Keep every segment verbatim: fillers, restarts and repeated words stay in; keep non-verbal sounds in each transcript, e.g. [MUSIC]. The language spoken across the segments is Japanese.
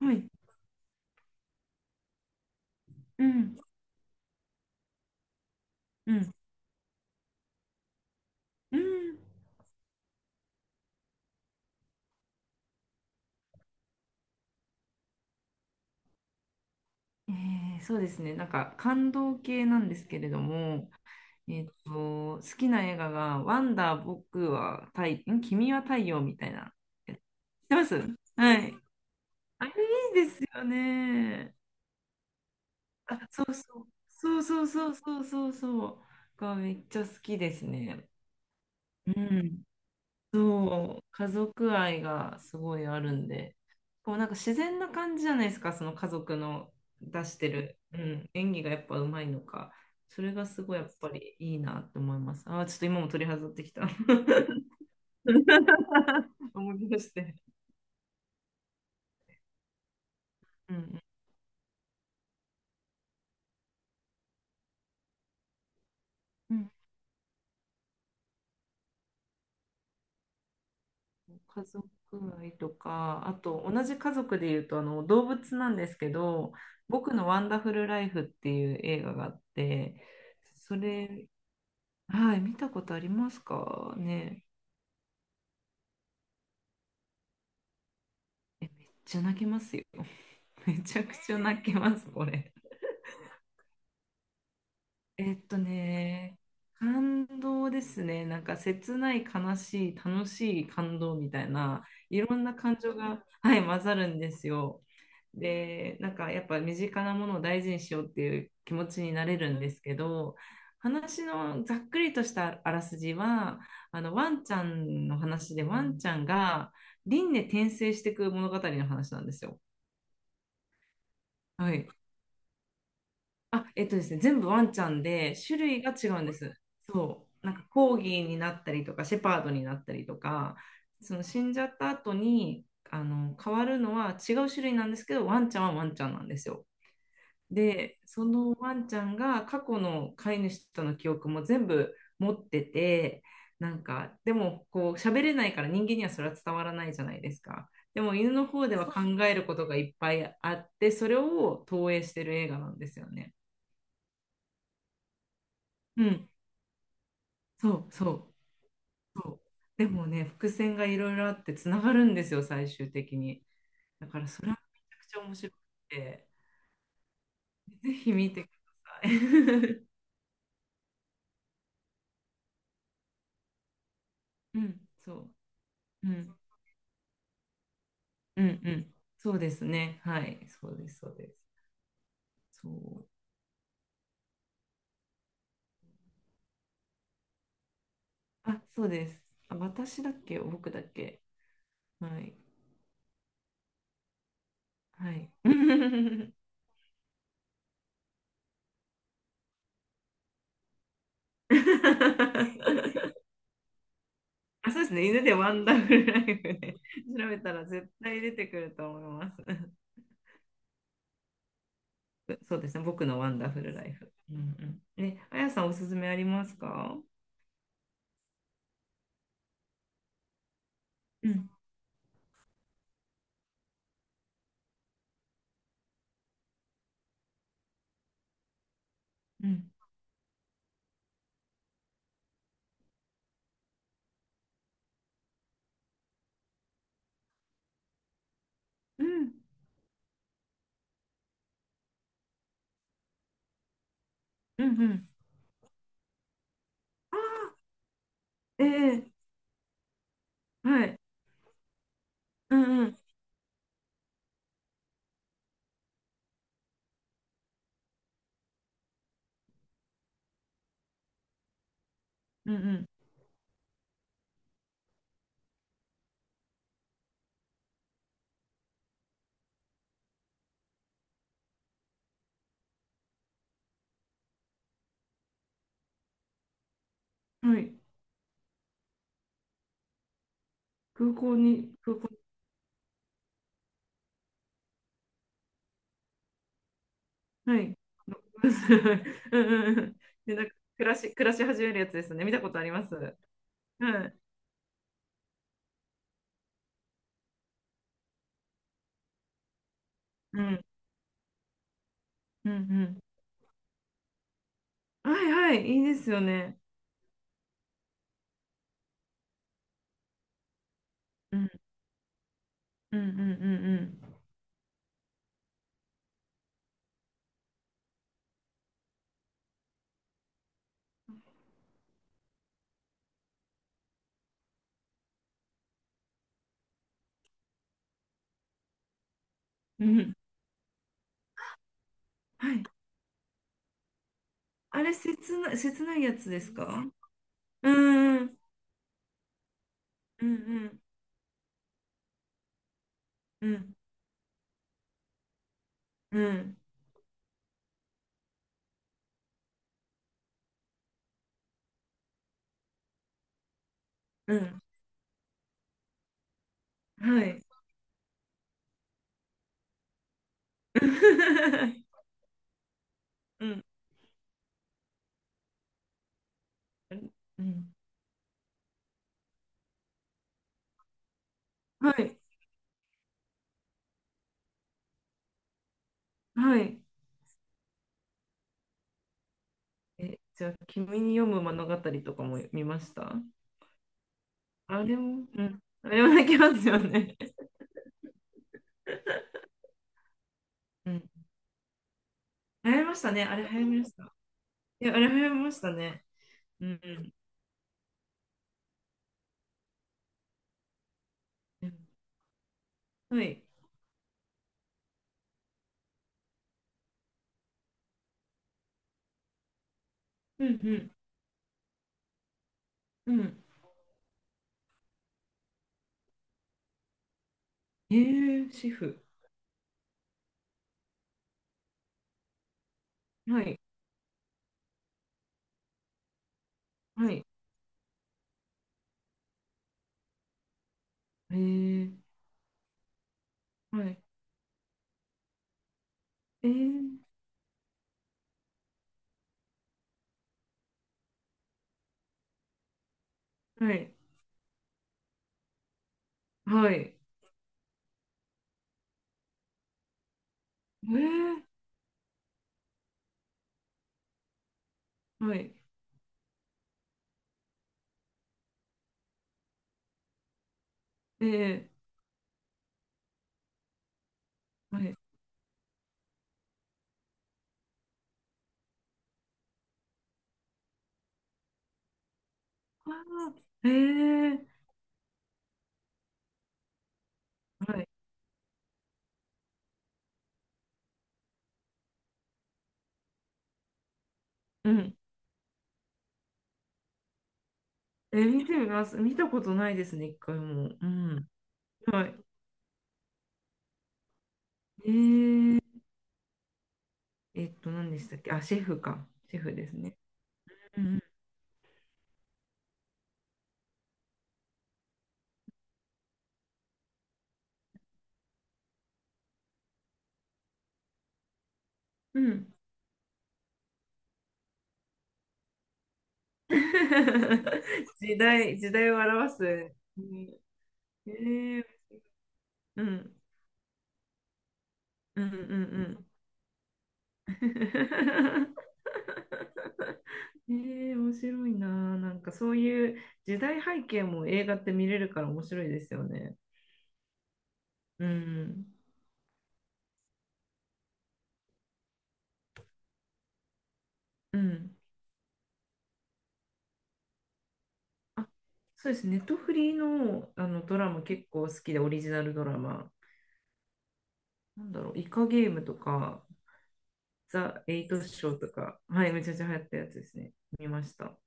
はい。うん。うん。うん。えーそうですね。なんか感動系なんですけれども、えっと、好きな映画が、ワンダー、僕は太、ん君は太陽みたいな。知ってます？はい。あれいいですよね。あ、そうそう。そうそうそうそうそうそう。がめっちゃ好きですね。うん。そう、家族愛がすごいあるんで、こうなんか自然な感じじゃないですか、その家族の出してる、うん、演技がやっぱうまいのか、それがすごいやっぱりいいなって思います。あー、ちょっと今も取り外ってきた。[LAUGHS] 思い出して。うん、うん。うん。家族愛とか、あと同じ家族でいうとあの動物なんですけど、僕のワンダフルライフっていう映画があって、それはい、見たことありますかね？じゃ泣けますよ。[LAUGHS] めちゃくちゃ泣けます、これ。えっとね、感動ですね。なんか切ない、悲しい、楽しい感動みたいな、いろんな感情が、はい、混ざるんですよ。で、なんかやっぱ身近なものを大事にしようっていう気持ちになれるんですけど、話のざっくりとしたあらすじは、あの、ワンちゃんの話で、ワンちゃんが輪廻転生していく物語の話なんですよ。はい。あ、えっとですね、全部ワンちゃんで種類が違うんです。そう。なんかコーギーになったりとか、シェパードになったりとか、その死んじゃった後に、あの、変わるのは違う種類なんですけど、ワンちゃんはワンちゃんなんですよ。で、そのワンちゃんが過去の飼い主との記憶も全部持ってて、なんか、でもこう喋れないから人間にはそれは伝わらないじゃないですか。でも犬の方では考えることがいっぱいあって、それを投影してる映画なんですよね。うん、そうそうそう。でもね、伏線がいろいろあってつながるんですよ、最終的に。だからそれはめちゃくちゃ面白くて、ぜひ見てください。[LAUGHS] うん、[LAUGHS] そう。うんうんうん。そうですね。はい。そうです、そうです。そう。あ、そうです。あ、私だっけ僕だっけ？はい。はい。[LAUGHS] あ、そうですね。犬でワンダフルライフで調べたら絶対出てくると思います。そうですね。僕のワンダフルライフ。うんうん。ね、あやさんおすすめありますか？うんうんうんうんうん。ああ、ええ、はい。うんうんうんうん。はい。空港に、空はい。[LAUGHS] うんうんうん。で、なんか、暮らし、暮らし始めるやつですね。見たことあります。はい。うん。うん。うん。はいはい。いいですよね。うん。うんうんうんうん。うん。はい。あれ、切ない、切ないやつですか？うんうんうんうんうんうん。はい。[LAUGHS] うん。うん。はい。はい。え、じゃあ、君に読む物語とかも見ました？あれも、うん。あれも泣きますよね。うん。流行りましたね。あれ流行りました。いや、あれ流行りましたね。うん。うんうん、はい。うんうん。うん。えー、シェフ。はい。はい。えー、はい。えー、はい。はい。えー、はい。えー、はい。あー、えー、はい。うん。えー、見てみます。見たことないですね、一回も。うん。はい。えー、えっと、何でしたっけ？あ、シェフか。シェフですね。うんうん。うん。 [LAUGHS] 時代、時代を表す。うん。えー、うん、うん、うんうん。[LAUGHS] えー、面白いな。なんかそういう時代背景も映画って見れるから面白いですよね。うん、うん。あ、そうです。ネットフリーの、あのドラマ結構好きで、オリジナルドラマ。なんだろう、イカゲームとか、ザ・エイトショーとか、はい、めちゃめちゃ流行ったやつですね。見ました。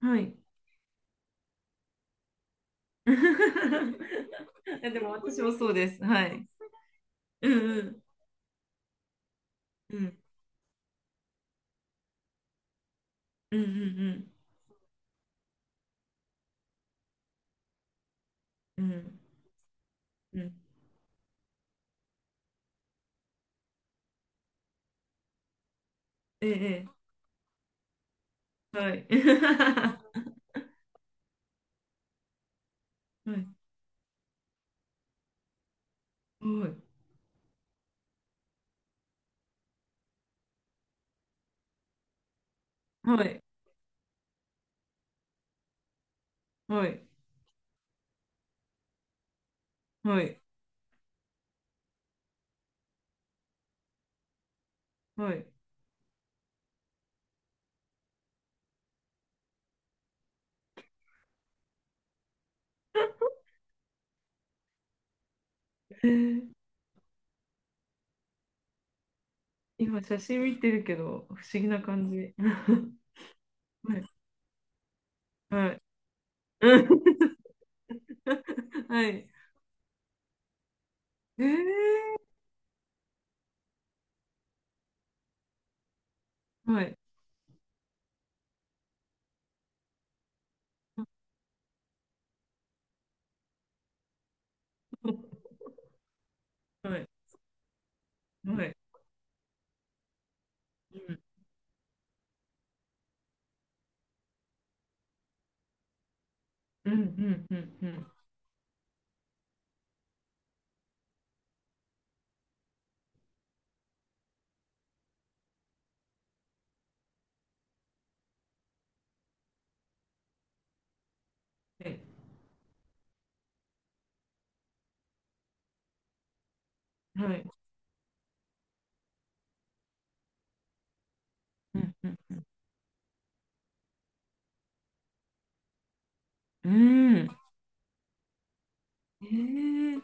はい。[LAUGHS] えでも私もそうです。はい。うんうん。うんうんうんうん。うんうん。ええ。ええ、はい。[LAUGHS] はい。はい。はい。はい。はいはい。えー今写真見てるけど、不思議な感じ。[LAUGHS] はい。はい。うん [LAUGHS] はい。えー、はい。はい。はい。うん。うん。うん。うん。うん、はい。はい。うん。うん。うん。ええ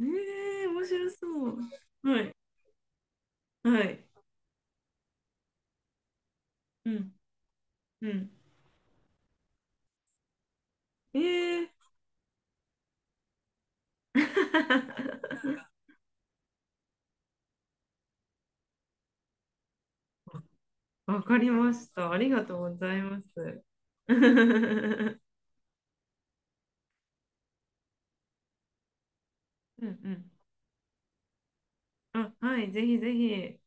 ええ、面白そう。はい、はい、うん、うん。ええ [LAUGHS] わかりました。ありがとうございます。[LAUGHS] うんうん。あ、はい、ぜひぜひ。